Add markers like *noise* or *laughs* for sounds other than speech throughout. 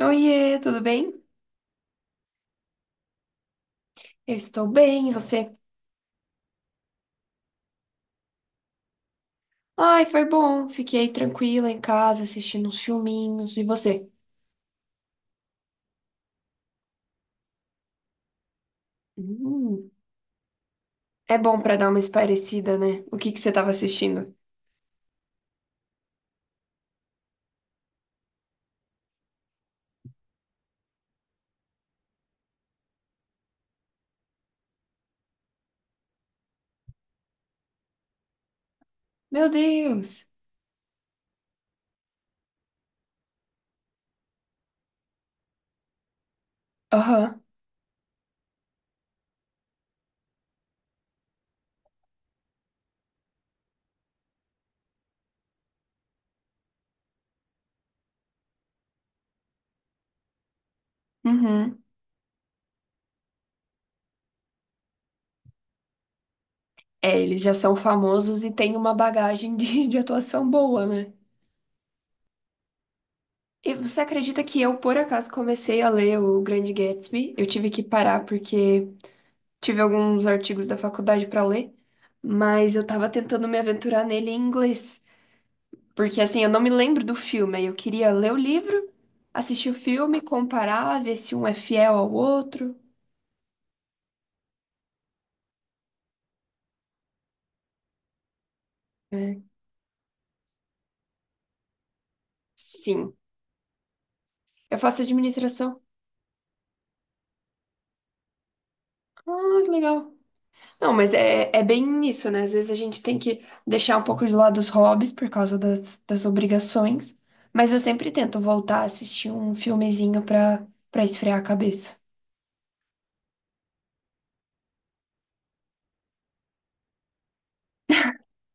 Oiê, tudo bem? Eu estou bem, e você? Ai, foi bom. Fiquei tranquila em casa assistindo uns filminhos. E você? Hum, é bom pra dar uma espairecida, né? O que que você estava assistindo? Meu Deus! Aham, uhum. É, eles já são famosos e têm uma bagagem *laughs* de atuação boa, né? E você acredita que eu, por acaso, comecei a ler o Grande Gatsby? Eu tive que parar porque tive alguns artigos da faculdade pra ler, mas eu tava tentando me aventurar nele em inglês. Porque assim, eu não me lembro do filme, aí eu queria ler o livro, assistir o filme, comparar, ver se um é fiel ao outro. É. Sim, eu faço administração. Ah, que legal. Não, mas é bem isso, né? Às vezes a gente tem que deixar um pouco de lado os hobbies por causa das obrigações, mas eu sempre tento voltar a assistir um filmezinho pra esfriar a cabeça.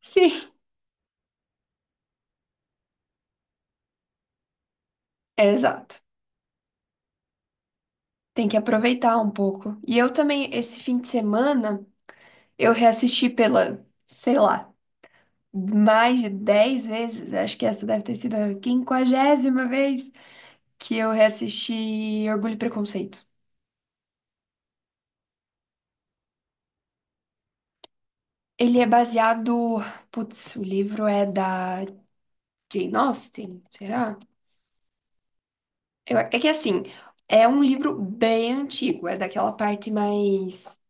*laughs* Sim. É, exato. Tem que aproveitar um pouco. E eu também, esse fim de semana, eu reassisti pela, sei lá, mais de 10 vezes, acho que essa deve ter sido a quinquagésima vez que eu reassisti Orgulho e Preconceito. Ele é baseado. Putz, o livro é da Jane Austen, será? É que assim, é um livro bem antigo, é daquela parte mais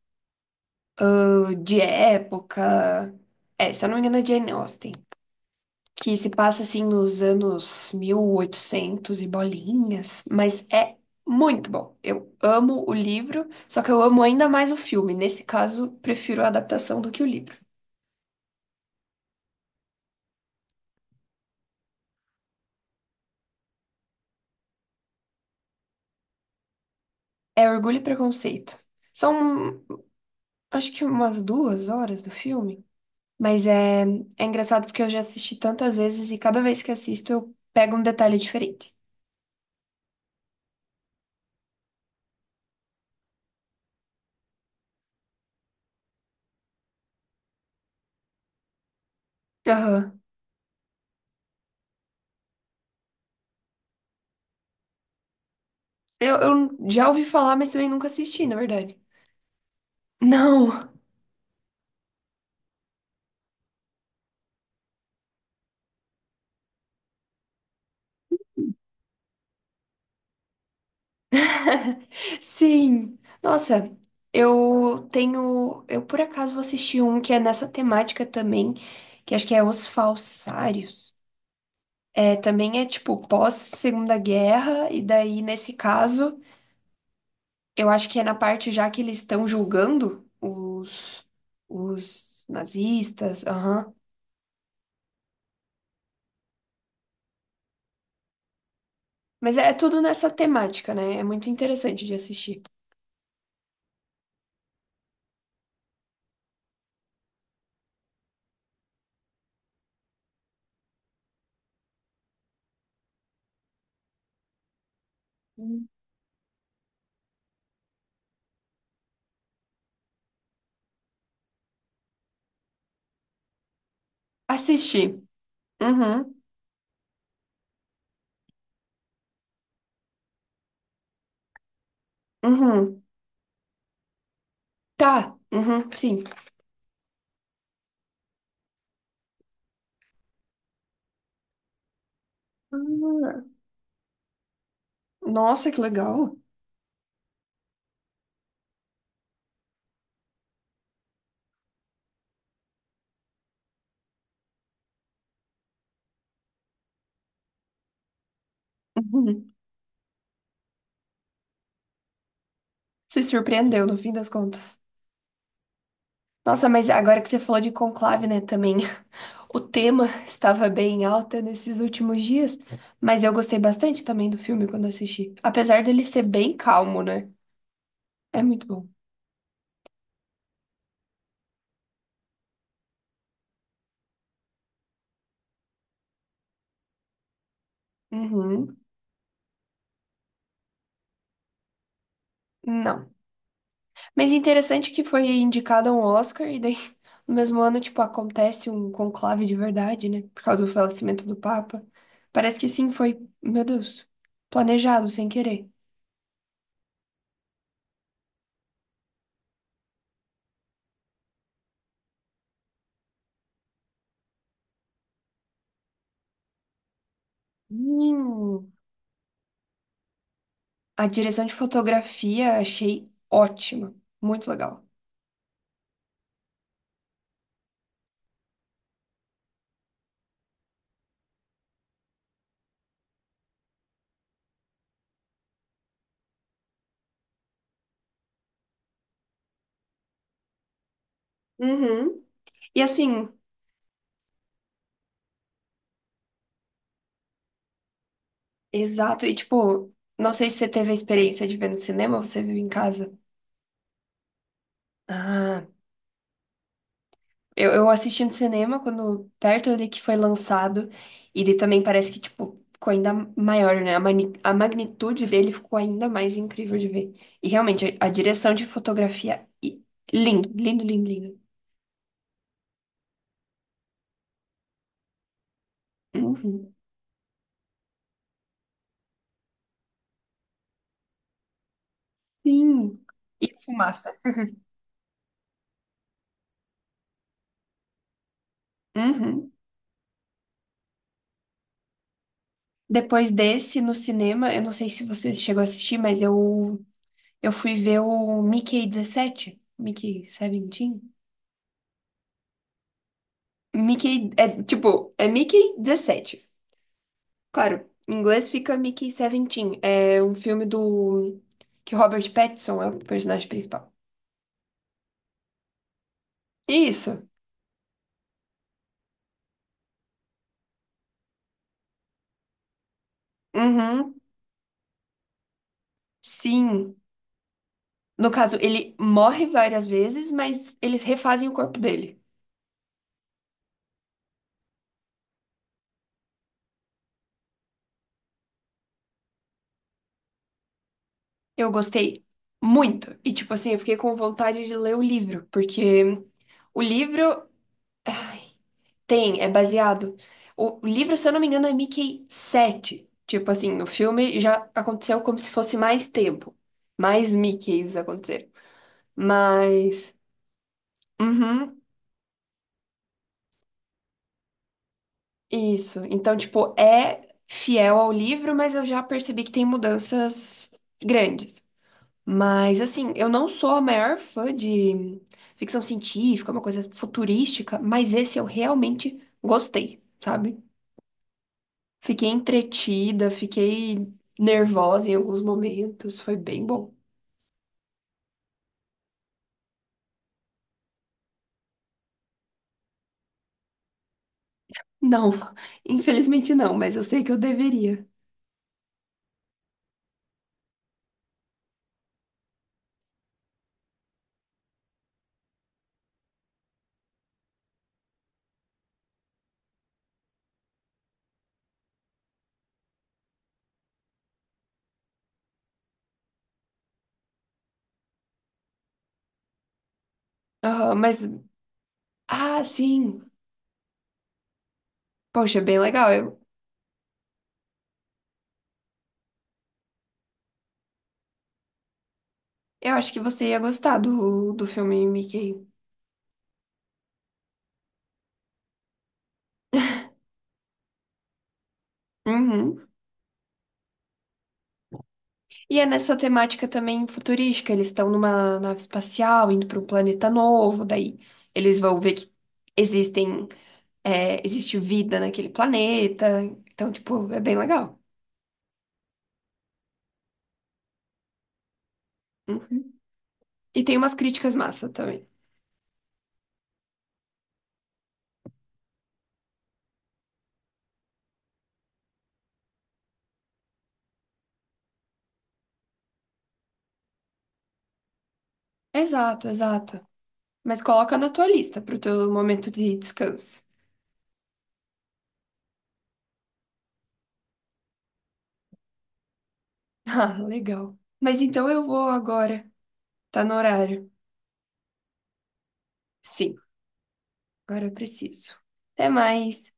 de época. É, se eu não me engano, é Jane Austen, que se passa assim nos anos 1800 e bolinhas, mas é muito bom. Eu amo o livro, só que eu amo ainda mais o filme. Nesse caso, prefiro a adaptação do que o livro. É Orgulho e Preconceito. São, acho que umas duas horas do filme, mas é engraçado porque eu já assisti tantas vezes e cada vez que assisto eu pego um detalhe diferente. Aham. Eu já ouvi falar, mas também nunca assisti, na verdade. Não. *laughs* Sim. Nossa, eu tenho. Eu por acaso vou assistir um que é nessa temática também, que acho que é Os Falsários. É, também é tipo pós-Segunda Guerra, e daí, nesse caso, eu acho que é na parte já que eles estão julgando os nazistas. Aham. Mas é tudo nessa temática, né? É muito interessante de assistir. Hum. Assisti. Uhum. Uhum. Tá. Uhum. Sim. Nossa, que legal. Uhum. Se surpreendeu no fim das contas. Nossa, mas agora que você falou de conclave, né, também, *laughs* o tema estava bem em alta nesses últimos dias, mas eu gostei bastante também do filme quando assisti. Apesar dele ser bem calmo, né? É muito bom. Uhum. Não. Mas interessante que foi indicado a um Oscar e daí *laughs* no mesmo ano, tipo, acontece um conclave de verdade, né? Por causa do falecimento do Papa. Parece que sim, foi, meu Deus, planejado sem querer. Hum. A direção de fotografia achei ótima, muito legal. Uhum. E assim, exato, e tipo, não sei se você teve a experiência de ver no cinema ou você viu em casa. Ah, eu assisti no cinema quando perto ali que foi lançado, e ele também parece que, tipo, ficou ainda maior, né? A magnitude dele ficou ainda mais incrível de ver. E realmente, a direção de fotografia, e- lindo, lindo, lindo, lindo. Uhum. Sim. E fumaça. Uhum. Depois desse, no cinema, eu não sei se você chegou a assistir, mas eu fui ver o Mickey 17. Mickey 17? Mickey, é tipo, é Mickey 17. Claro, em inglês fica Mickey 17. É um filme do... que o Robert Pattinson é o personagem principal. Isso. Uhum. Sim. No caso, ele morre várias vezes, mas eles refazem o corpo dele. Eu gostei muito. E, tipo assim, eu fiquei com vontade de ler o livro, porque o livro tem, é baseado. O livro, se eu não me engano, é Mickey sete. Tipo assim, no filme já aconteceu como se fosse mais tempo. Mais Mickeys aconteceram. Mas. Uhum, isso. Então, tipo, é fiel ao livro, mas eu já percebi que tem mudanças grandes. Mas, assim, eu não sou a maior fã de ficção científica, uma coisa futurística, mas esse eu realmente gostei, sabe? Fiquei entretida, fiquei nervosa em alguns momentos, foi bem bom. Não, *laughs* infelizmente não, mas eu sei que eu deveria. Aham, mas, ah, sim, poxa, bem legal. Eu acho que você ia gostar do filme Mickey. Uhum. E é nessa temática também futurística, eles estão numa nave espacial, indo para um planeta novo, daí eles vão ver que existem, é, existe vida naquele planeta, então, tipo, é bem legal. Uhum. E tem umas críticas massa também. Exato, exato. Mas coloca na tua lista pro teu momento de descanso. *laughs* Ah, legal. Mas então eu vou agora. Tá no horário. Sim, agora eu preciso. Até mais.